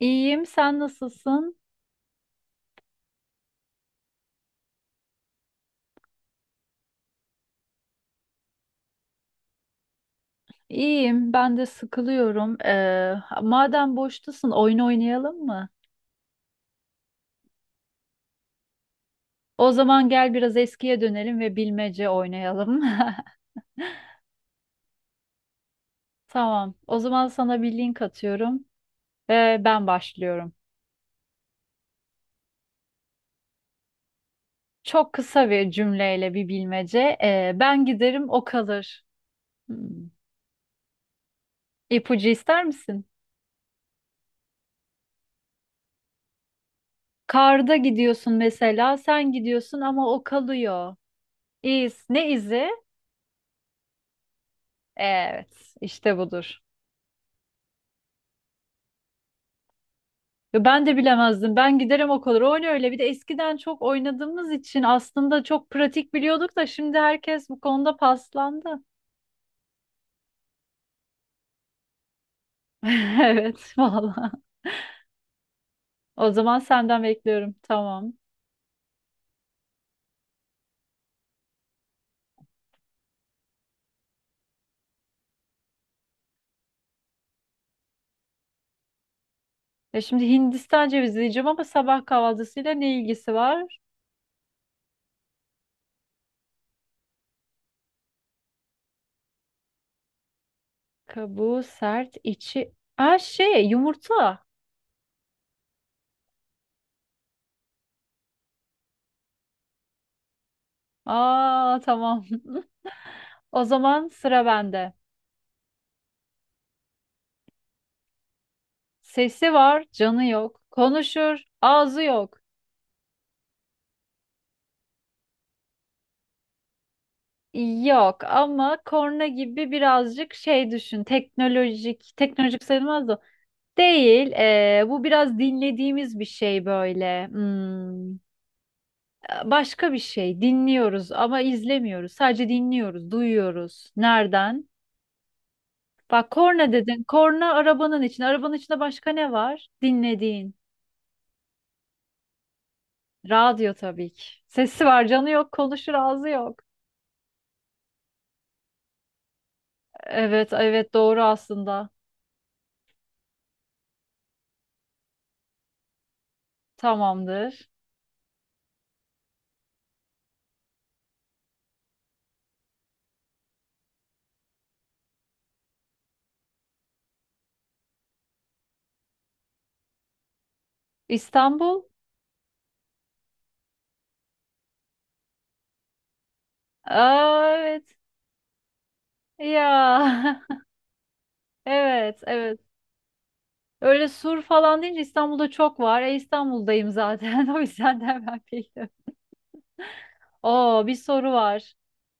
İyiyim, sen nasılsın? İyiyim, ben de sıkılıyorum. Madem boştasın, oyun oynayalım mı? O zaman gel biraz eskiye dönelim ve bilmece oynayalım. Tamam, o zaman sana bir link atıyorum ve ben başlıyorum. Çok kısa bir cümleyle bir bilmece. Ben giderim, o kalır. Hmm. İpucu ister misin? Karda gidiyorsun mesela, sen gidiyorsun ama o kalıyor. İz, ne izi? Evet, işte budur. Ya ben de bilemezdim. Ben giderim o kadar. Öyle öyle. Bir de eskiden çok oynadığımız için aslında çok pratik biliyorduk da şimdi herkes bu konuda paslandı. Evet, valla. O zaman senden bekliyorum. Tamam. Ya şimdi Hindistan cevizi diyeceğim ama sabah kahvaltısıyla ne ilgisi var? Kabuğu sert, içi... Aa şey, yumurta. Aa tamam. O zaman sıra bende. Sesi var, canı yok. Konuşur, ağzı yok. Yok ama korna gibi birazcık şey düşün. Teknolojik, teknolojik sayılmaz da. Değil. Bu biraz dinlediğimiz bir şey böyle. Hmm, başka bir şey. Dinliyoruz ama izlemiyoruz. Sadece dinliyoruz, duyuyoruz. Nereden? Bak korna dedin. Korna arabanın içinde. Arabanın içinde başka ne var? Dinlediğin. Radyo tabii ki. Sesi var, canı yok, konuşur, ağzı yok. Evet, evet doğru aslında. Tamamdır. İstanbul. Aa, evet. Ya evet evet. Öyle sur falan deyince İstanbul'da çok var. E İstanbul'dayım zaten. O yüzden de hemen bildim. Oo bir soru var.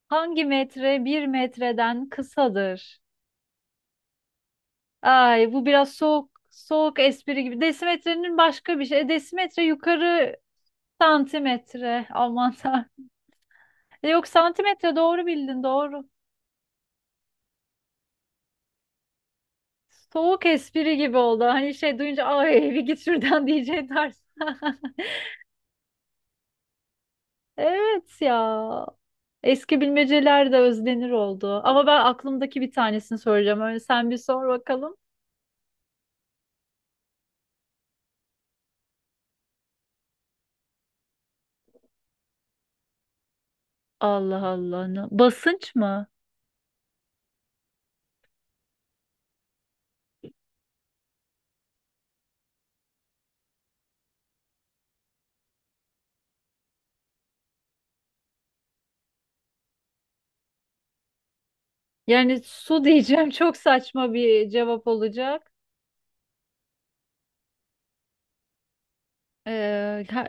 Hangi metre bir metreden kısadır? Ay bu biraz soğuk soğuk espri gibi. Desimetrenin başka bir şey. Desimetre yukarı santimetre. Aman tanrım. Yok santimetre doğru bildin doğru. Soğuk espri gibi oldu. Hani şey duyunca ay bir git şuradan diyeceğim tarz. Evet ya. Eski bilmeceler de özlenir oldu. Ama ben aklımdaki bir tanesini soracağım. Öyle sen bir sor bakalım. Allah Allah. Basınç mı? Yani su diyeceğim çok saçma bir cevap olacak. Ee, ha-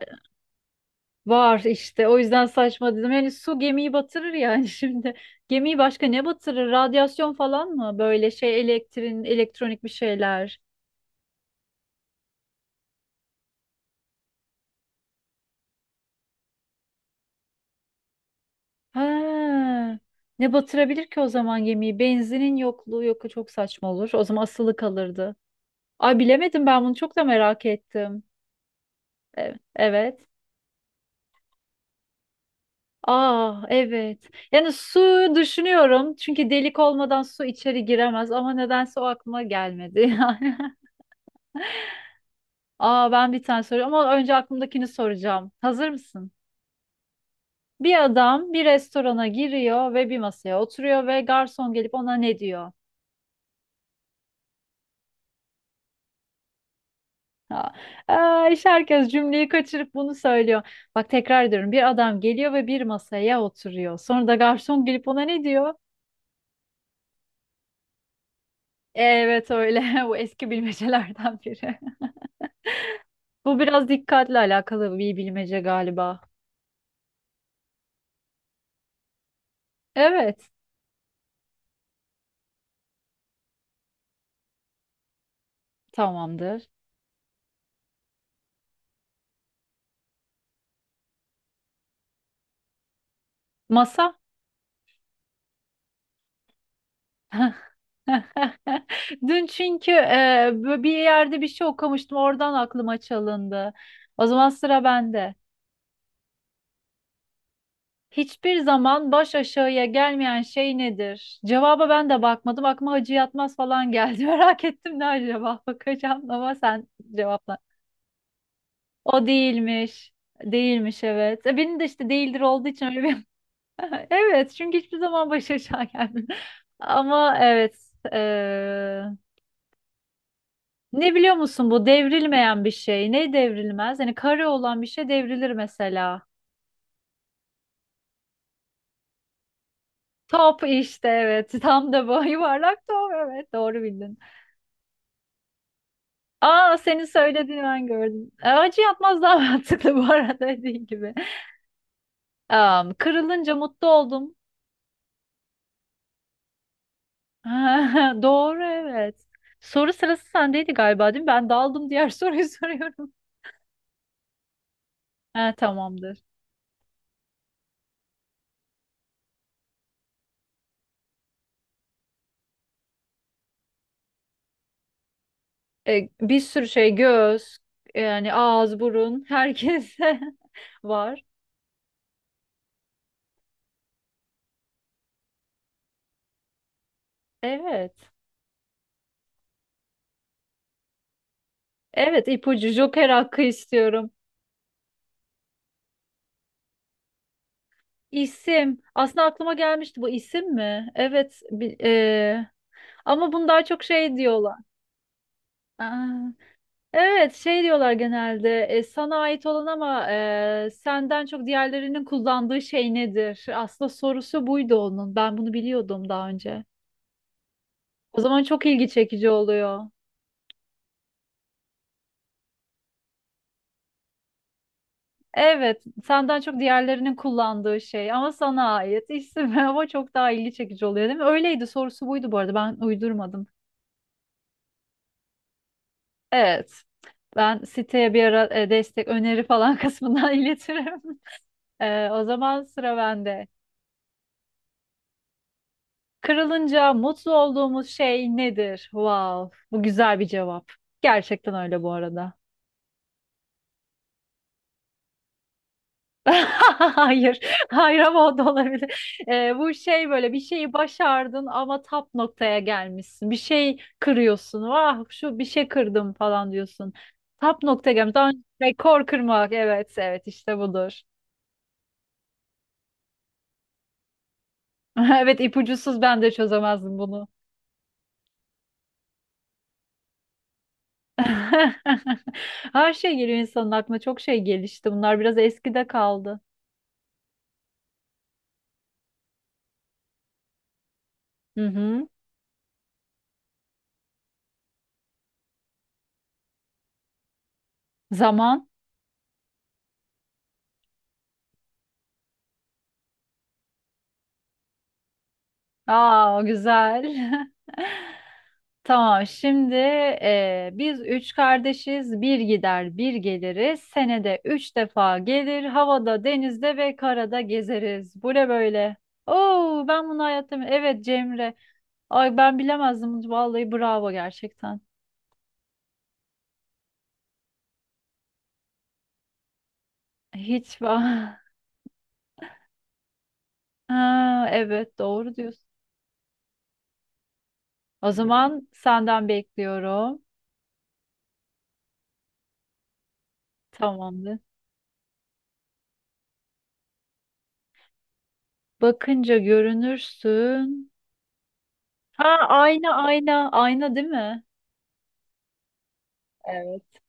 Var işte o yüzden saçma dedim. Yani su gemiyi batırır yani şimdi. Gemiyi başka ne batırır? Radyasyon falan mı? Böyle şey elektrin, elektronik bir şeyler. Ha, ne batırabilir ki o zaman gemiyi? Benzinin yokluğu yok çok saçma olur. O zaman asılı kalırdı. Ay bilemedim ben bunu çok da merak ettim. Evet. Evet. Aa evet. Yani su düşünüyorum. Çünkü delik olmadan su içeri giremez ama nedense o aklıma gelmedi yani. Aa ben bir tane soruyorum ama önce aklımdakini soracağım. Hazır mısın? Bir adam bir restorana giriyor ve bir masaya oturuyor ve garson gelip ona ne diyor? Ha. Aa, işte herkes cümleyi kaçırıp bunu söylüyor. Bak tekrar ediyorum. Bir adam geliyor ve bir masaya oturuyor. Sonra da garson gelip ona ne diyor? Evet öyle. Bu eski bilmecelerden biri. Bu biraz dikkatle alakalı bir bilmece galiba. Evet. Tamamdır. Masa. Dün çünkü bir yerde bir şey okumuştum. Oradan aklıma çalındı. O zaman sıra bende. Hiçbir zaman baş aşağıya gelmeyen şey nedir? Cevaba ben de bakmadım. Aklıma Hacı Yatmaz falan geldi. Merak ettim ne acaba? Bakacağım ama sen cevapla. O değilmiş. Değilmiş evet. Benim de işte değildir olduğu için öyle bir... Evet çünkü hiçbir zaman baş aşağı gelmedim. Ama evet. eee, Ne biliyor musun bu devrilmeyen bir şey. Ne devrilmez? Yani kare olan bir şey devrilir mesela. Top işte evet. Tam da bu yuvarlak top evet doğru bildin. Aa senin söylediğini ben gördüm. Acı yapmaz daha mantıklı bu arada dediğin gibi. Am, kırılınca mutlu oldum. Doğru evet. Soru sırası sendeydi galiba değil mi? Ben daldım diğer soruyu soruyorum. Ha, tamamdır. Bir sürü şey göz yani ağız burun herkese var. Evet. Evet ipucu Joker hakkı istiyorum. İsim. Aslında aklıma gelmişti bu isim mi? Evet. Ama bunu daha çok şey diyorlar. Aa, evet şey diyorlar genelde sana ait olan ama senden çok diğerlerinin kullandığı şey nedir? Aslında sorusu buydu onun. Ben bunu biliyordum daha önce. O zaman çok ilgi çekici oluyor. Evet, senden çok diğerlerinin kullandığı şey ama sana ait isim ama çok daha ilgi çekici oluyor değil mi? Öyleydi sorusu buydu bu arada ben uydurmadım. Evet. Ben siteye bir ara destek öneri falan kısmından iletirim. O zaman sıra bende. Kırılınca mutlu olduğumuz şey nedir? Wow, bu güzel bir cevap. Gerçekten öyle bu arada. Hayır, hayır ama o da olabilir. Bu şey böyle bir şeyi başardın ama tap noktaya gelmişsin. Bir şey kırıyorsun. Vah şu bir şey kırdım falan diyorsun. Tap noktaya gelmiş. Daha önce rekor kırmak. Evet, evet işte budur. Evet ipucusuz ben de çözemezdim bunu. Her şey geliyor insanın aklına. Çok şey gelişti. Bunlar biraz eskide kaldı. Hı hı. Zaman. Aa, güzel. Tamam. Şimdi biz üç kardeşiz. Bir gider, bir geliriz. Senede üç defa gelir. Havada, denizde ve karada gezeriz. Bu ne böyle? Oo, ben bunu hayatım. Evet Cemre. Ay ben bilemezdim. Vallahi bravo gerçekten. Hiç var. Ha, evet doğru diyorsun. O zaman senden bekliyorum. Tamamdır. Bakınca görünürsün. Ha ayna ayna ayna değil mi? Evet.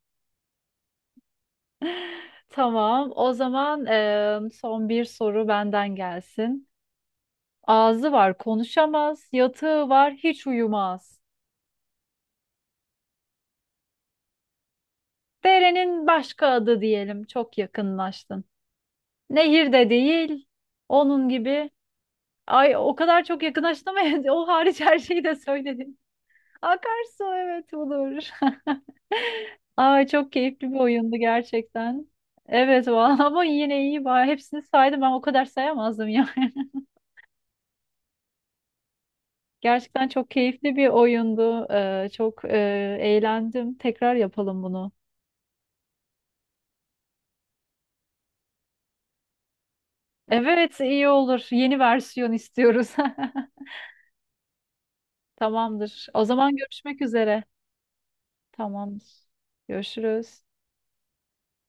Tamam. O zaman son bir soru benden gelsin. Ağzı var, konuşamaz. Yatığı var, hiç uyumaz. Derenin başka adı diyelim. Çok yakınlaştın. Nehir de değil. Onun gibi. Ay o kadar çok yakınlaştın ama o hariç her şeyi de söyledin. Akarsu evet olur. Ay çok keyifli bir oyundu gerçekten. Evet vallahi ama yine iyi var. Hepsini saydım ben o kadar sayamazdım yani. Gerçekten çok keyifli bir oyundu. Çok eğlendim. Tekrar yapalım bunu. Evet iyi olur. Yeni versiyon istiyoruz. Tamamdır. O zaman görüşmek üzere. Tamamdır. Görüşürüz.